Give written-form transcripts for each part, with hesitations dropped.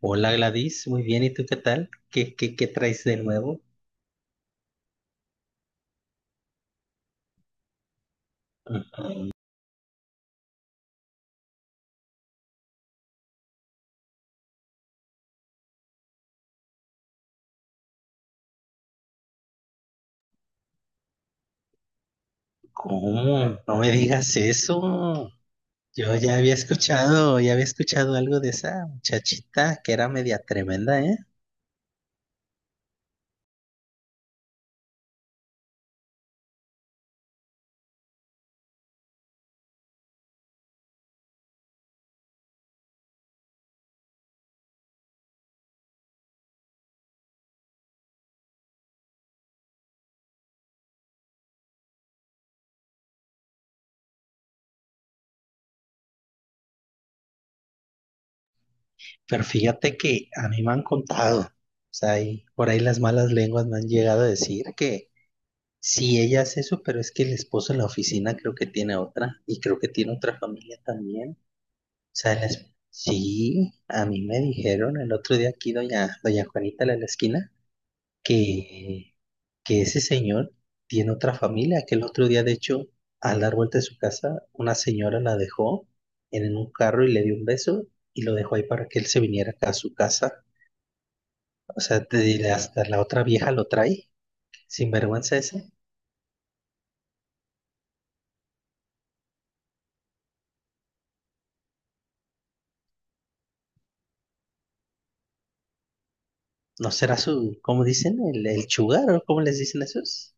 Hola Gladys, muy bien, ¿y tú qué tal? ¿Qué traes de nuevo? ¿Cómo? No me digas eso. Yo ya había escuchado algo de esa muchachita que era media tremenda, ¿eh? Pero fíjate que a mí me han contado, o sea, y por ahí las malas lenguas me han llegado a decir que sí, ella hace eso, pero es que el esposo en la oficina creo que tiene otra y creo que tiene otra familia también. O sea, sí, a mí me dijeron el otro día aquí doña Juanita la de la esquina, que, que ese señor tiene otra familia, que el otro día, de hecho, al dar vuelta de su casa, una señora la dejó en un carro y le dio un beso y lo dejó ahí para que él se viniera acá a su casa. O sea, te diré, hasta la otra vieja lo trae, sin vergüenza ese. ¿No será su, cómo dicen, el chugar o cómo les dicen esos?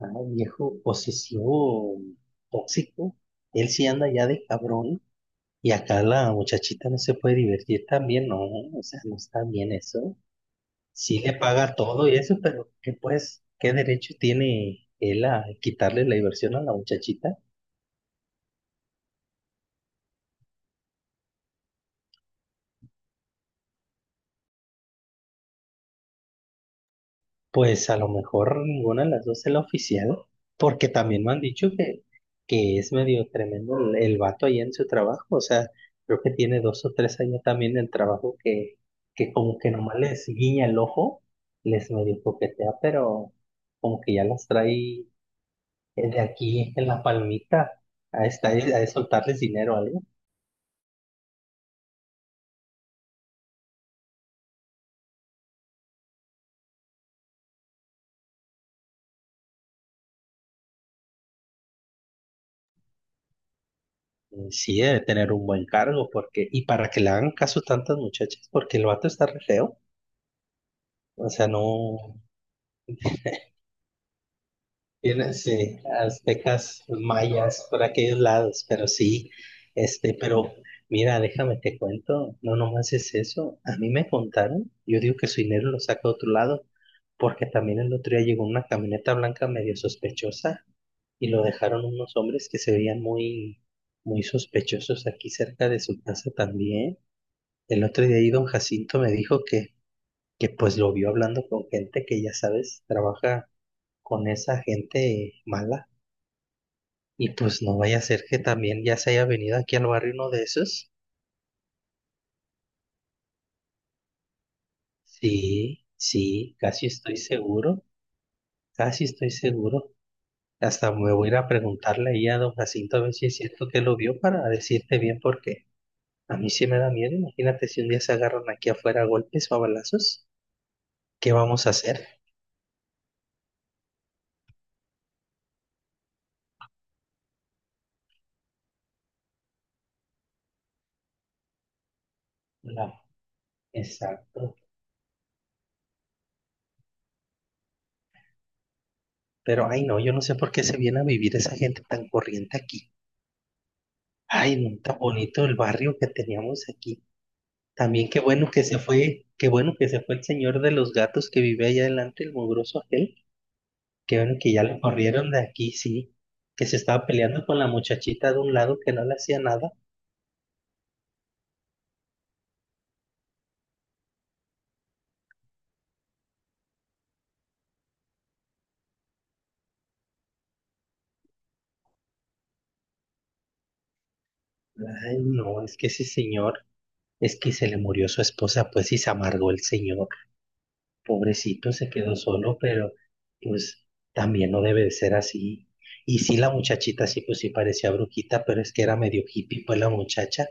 Ah, viejo posesivo, tóxico. Él sí anda ya de cabrón. Y acá la muchachita no se puede divertir también, no, o sea, no está bien eso. Sí le paga todo y eso, pero ¿qué pues, qué derecho tiene él a quitarle la diversión a la muchachita? Pues a lo mejor ninguna de las dos es la oficial, porque también me han dicho que es medio tremendo el vato ahí en su trabajo, o sea, creo que tiene 2 o 3 años también del trabajo que como que nomás les guiña el ojo, les medio coquetea, pero como que ya las trae de aquí en la palmita, a, esta a soltarles dinero o algo. Sí, debe tener un buen cargo, porque, y para que le hagan caso tantas muchachas, porque el vato está re feo. O sea, no tiene, sí, aztecas, mayas, por aquellos lados, pero sí, este, pero mira, déjame te cuento, no nomás es eso. A mí me contaron, yo digo que su dinero lo saca de otro lado, porque también el otro día llegó una camioneta blanca medio sospechosa y lo dejaron unos hombres que se veían muy, muy sospechosos aquí cerca de su casa también. El otro día ahí don Jacinto me dijo que pues lo vio hablando con gente que ya sabes, trabaja con esa gente mala. Y pues no vaya a ser que también ya se haya venido aquí al barrio uno de esos. Sí, sí, casi estoy seguro, casi estoy seguro. Hasta me voy a ir a preguntarle ahí a don Jacinto a ver si es cierto que lo vio para decirte bien porque a mí sí me da miedo. Imagínate si un día se agarran aquí afuera a golpes o a balazos, ¿qué vamos a hacer? No, exacto. Pero, ay, no, yo no sé por qué se viene a vivir esa gente tan corriente aquí. Ay, no, tan bonito el barrio que teníamos aquí. También qué bueno que se fue, qué bueno que se fue el señor de los gatos que vive allá adelante, el mugroso aquel. Qué bueno que ya lo corrieron de aquí, sí. Que se estaba peleando con la muchachita de un lado que no le hacía nada. Ay, no, es que ese señor, es que se le murió su esposa, pues y se amargó el señor. Pobrecito se quedó solo, pero pues también no debe de ser así. Y sí, la muchachita sí, pues sí parecía brujita, pero es que era medio hippie, pues la muchacha.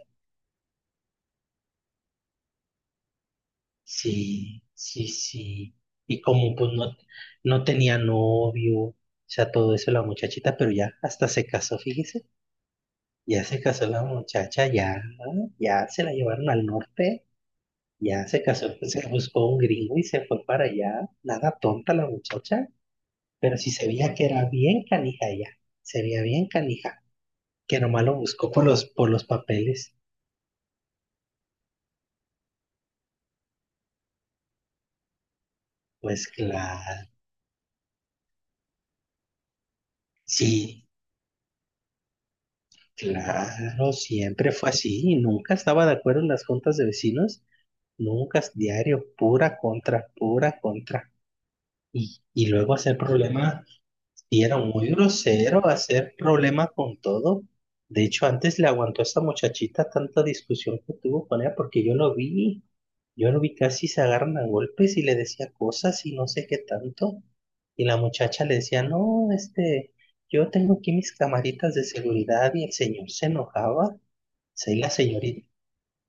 Sí, sí, sí. Y como pues no, no tenía novio, o sea, todo eso la muchachita, pero ya hasta se casó, fíjese, ya se casó la muchacha, ya, ¿no? Ya se la llevaron al norte, ya se casó, pues, se buscó un gringo y se fue para allá. Nada tonta la muchacha. Pero sí se veía que era bien canija ella, se veía bien canija, que nomás lo buscó por los papeles, pues claro, sí, claro, siempre fue así, y nunca estaba de acuerdo en las juntas de vecinos, nunca, diario, pura contra, y luego hacer problema. Y era muy grosero hacer problemas con todo. De hecho, antes le aguantó a esa muchachita tanta discusión que tuvo con ella, porque yo lo vi casi se agarran a golpes y le decía cosas y no sé qué tanto. Y la muchacha le decía, no, este, yo tengo aquí mis camaritas de seguridad y el señor se enojaba. Sí,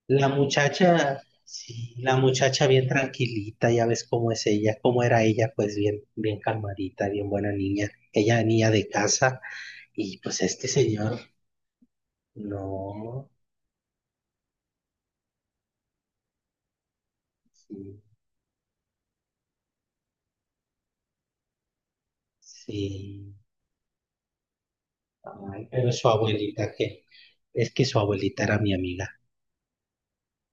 la muchacha, sí, la muchacha bien tranquilita, ya ves cómo es ella, cómo era ella, pues bien, bien calmadita, bien buena niña, ella niña de casa, y pues este señor, no, sí, sí, ay, pero su abuelita, que es que su abuelita era mi amiga,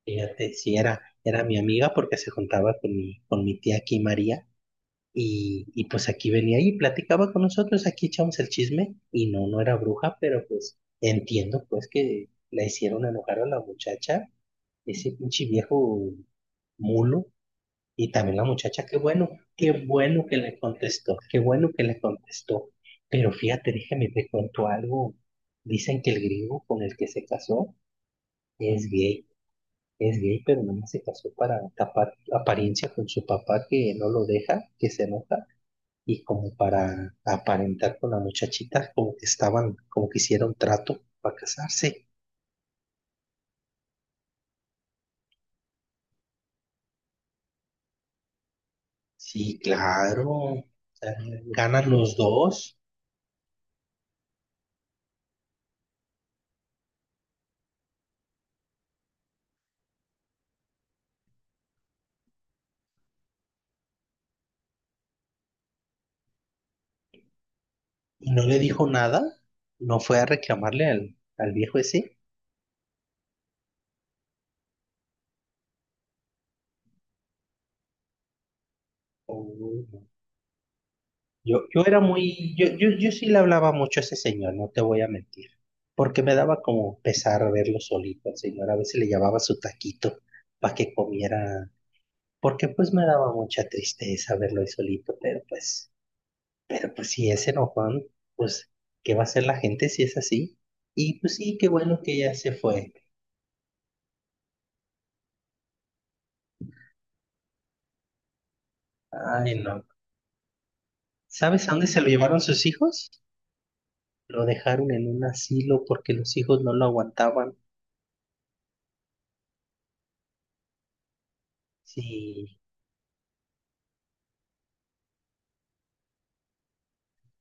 fíjate, sí, era mi amiga porque se juntaba con mi, tía aquí, María. Y pues aquí venía y platicaba con nosotros, aquí echamos el chisme y no, no era bruja, pero pues entiendo pues que la hicieron enojar a la muchacha, ese pinche viejo mulo, y también la muchacha, qué bueno que le contestó, qué bueno que le contestó. Pero fíjate, déjame te contó algo. Dicen que el griego con el que se casó es gay, es gay, pero no se casó para tapar apariencia con su papá que no lo deja, que se enoja, y como para aparentar con la muchachita, como que estaban, como que hicieron trato para casarse. Sí, claro, o sea, ganan los dos. Y no le dijo nada, no fue a reclamarle al viejo ese. Oh, no. Yo era muy, yo sí le hablaba mucho a ese señor, no te voy a mentir, porque me daba como pesar verlo solito al señor, a veces le llevaba su taquito para que comiera, porque pues me daba mucha tristeza verlo ahí solito, Pero pues si es enojón, pues ¿qué va a hacer la gente si es así? Y pues sí, qué bueno que ya se fue. Ay, no. ¿Sabes a dónde se lo llevaron sus hijos? Lo dejaron en un asilo porque los hijos no lo aguantaban. Sí,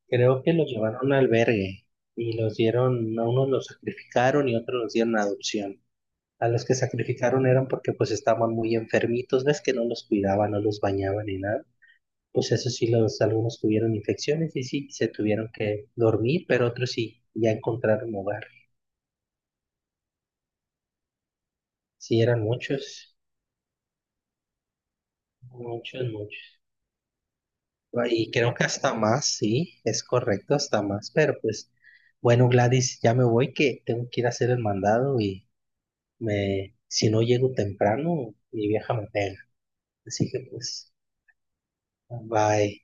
creo que lo llevaron a un albergue y los dieron, a unos los sacrificaron y otros los dieron a adopción. A los que sacrificaron eran porque pues estaban muy enfermitos, ves que no los cuidaban, no los bañaban ni nada. Pues eso sí, algunos tuvieron infecciones y sí, se tuvieron que dormir, pero otros sí, ya encontraron hogar. Sí, eran muchos, muchos, muchos. Y creo que hasta más, sí, es correcto, hasta más. Pero pues, bueno, Gladys, ya me voy, que tengo que ir a hacer el mandado y si no llego temprano, mi vieja me pega. Así que pues, bye.